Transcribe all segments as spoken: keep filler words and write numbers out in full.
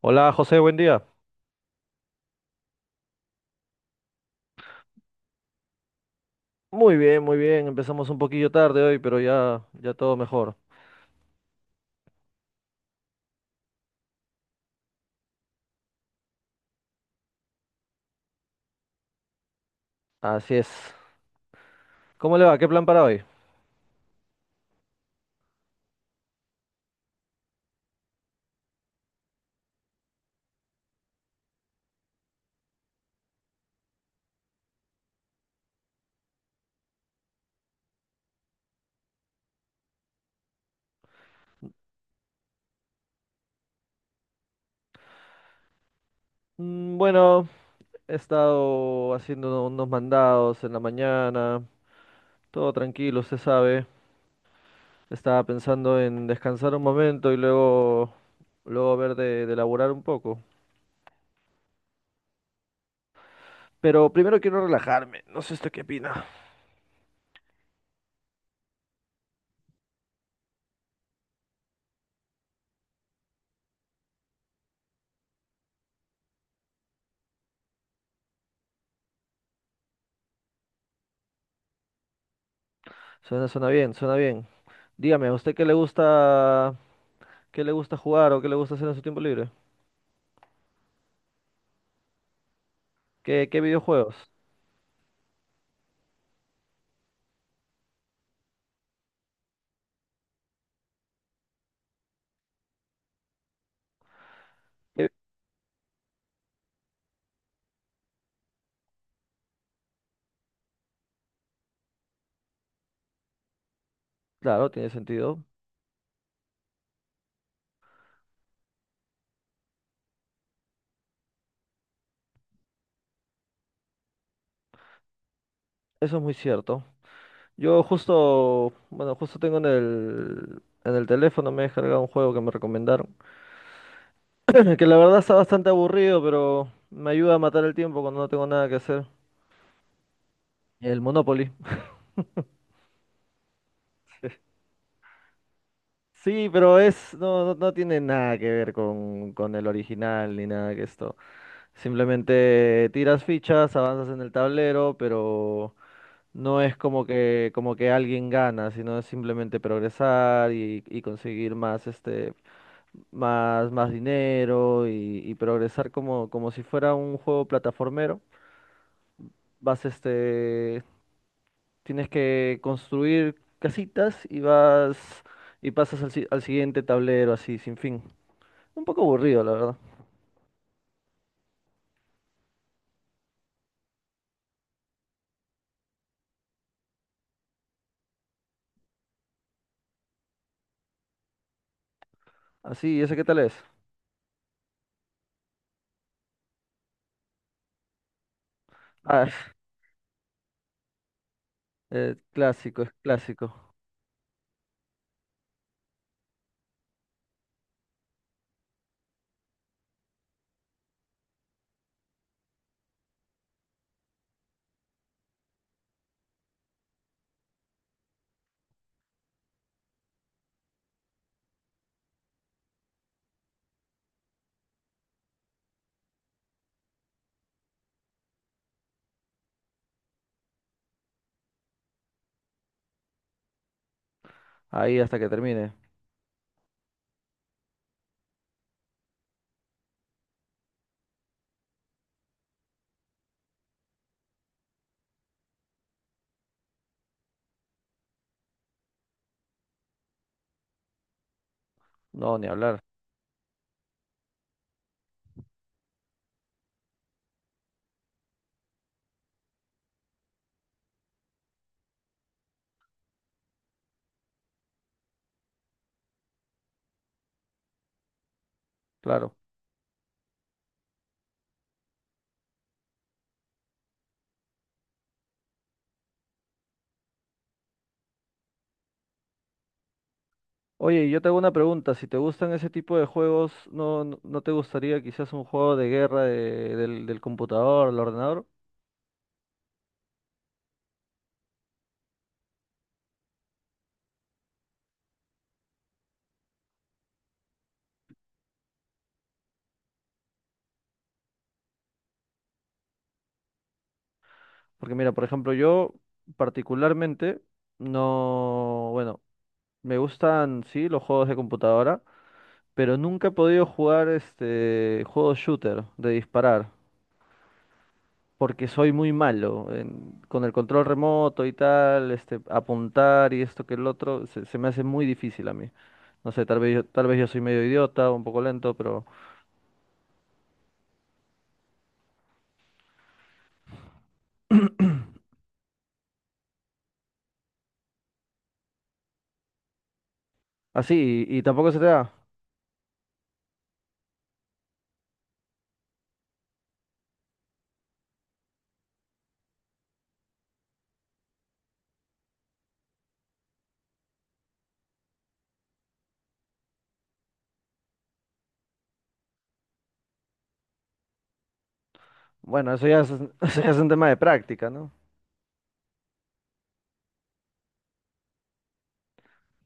Hola José, buen día. Muy bien, muy bien. Empezamos un poquillo tarde hoy, pero ya, ya todo mejor. Así es. ¿Cómo le va? ¿Qué plan para hoy? Mm, Bueno, he estado haciendo unos mandados en la mañana, todo tranquilo, usted sabe. Estaba pensando en descansar un momento y luego, luego ver de, de laburar un poco. Pero primero quiero relajarme. No sé usted qué opina. Suena, suena bien, suena bien. Dígame, ¿a usted qué le gusta, qué le gusta jugar o qué le gusta hacer en su tiempo libre? ¿Qué, qué videojuegos? ¿Qué Claro, tiene sentido. Eso es muy cierto. Yo justo, bueno, justo tengo en el, en el teléfono, me he descargado un juego que me recomendaron. Que la verdad está bastante aburrido, pero me ayuda a matar el tiempo cuando no tengo nada que hacer. El Monopoly. Sí, pero es, no, no, no tiene nada que ver con, con el original ni nada que esto. Simplemente tiras fichas, avanzas en el tablero, pero no es como que, como que alguien gana, sino es simplemente progresar y, y conseguir más, este, más, más dinero y, y progresar como, como si fuera un juego plataformero. Vas, este, tienes que construir casitas y vas y pasas al, si- al siguiente tablero así, sin fin. Un poco aburrido, la verdad. Así, ¿ese qué tal es? Ah, eh, clásico, es clásico. Ahí hasta que termine. No, ni hablar, claro. Oye, y yo te hago una pregunta, si te gustan ese tipo de juegos, ¿no, no, no te gustaría quizás un juego de guerra de- del, del computador, del ordenador? Porque mira, por ejemplo, yo particularmente no, bueno, me gustan sí los juegos de computadora, pero nunca he podido jugar este juego shooter de disparar, porque soy muy malo en- con el control remoto y tal, este apuntar y esto que el otro se, se me hace muy difícil a mí. No sé, tal vez yo, tal vez yo soy medio idiota, un poco lento, pero así y, y tampoco se te da. Bueno, eso ya es, eso ya es un tema de práctica, ¿no?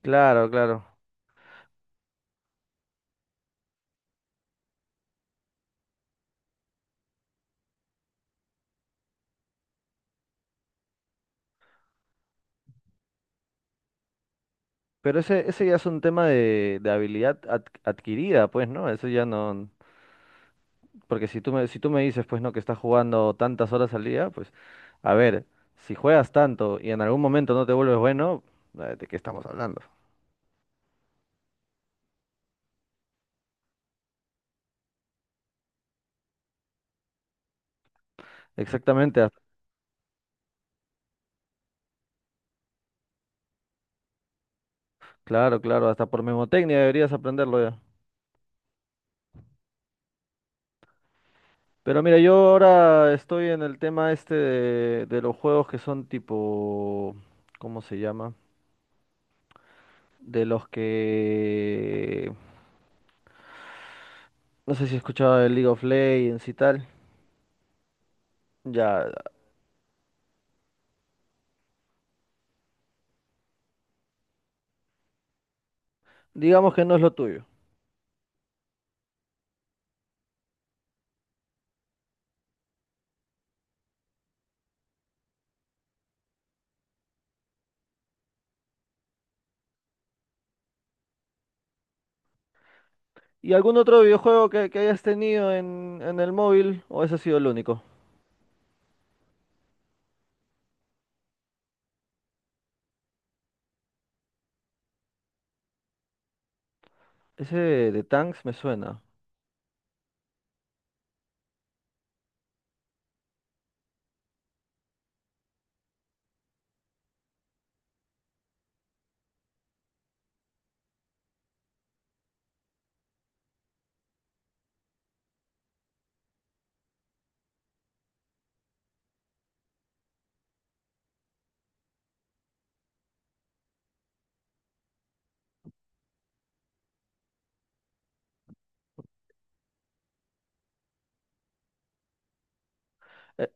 Claro, claro. Pero ese, ese ya es un tema de, de habilidad ad- adquirida, pues, ¿no? Eso ya no. Porque si tú me, si tú me dices, pues, no, que estás jugando tantas horas al día, pues, a ver, si juegas tanto y en algún momento no te vuelves bueno, eh, ¿de qué estamos hablando? Exactamente, hasta- claro, claro, hasta por memotecnia deberías aprenderlo ya. Pero mira, yo ahora estoy en el tema este de, de los juegos que son tipo, ¿cómo se llama? De los que, no sé si escuchaba el League of Legends y tal. Ya, digamos que no es lo tuyo. ¿Y algún otro videojuego que, que hayas tenido en, en el móvil? ¿O ese ha sido el único? Ese de Tanks me suena. E-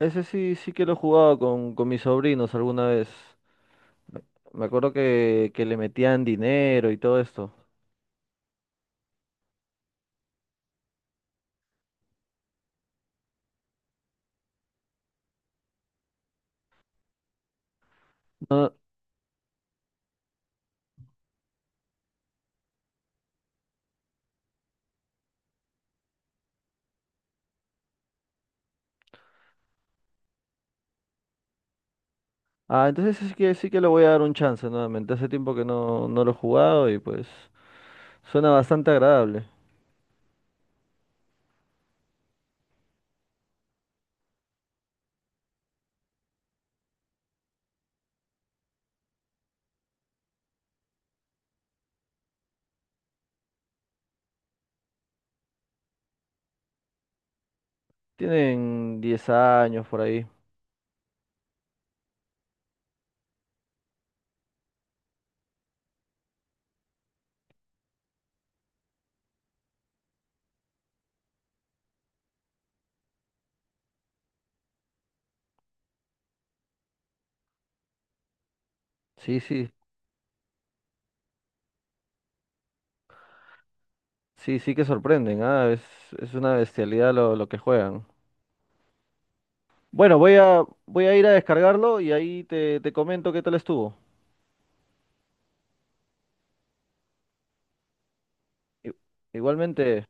ese sí, sí que lo he jugado con, con mis sobrinos alguna vez. Me acuerdo que, que le metían dinero y todo esto. No- Ah, entonces sí que, sí que le voy a dar un chance nuevamente. Hace tiempo que no, no lo he jugado y pues suena bastante agradable. Tienen diez años por ahí. Sí, sí, sí, sí que sorprenden, ah, es, es una bestialidad lo, lo que juegan. Bueno, voy a, voy a ir a descargarlo y ahí te, te comento qué tal estuvo. I- Igualmente.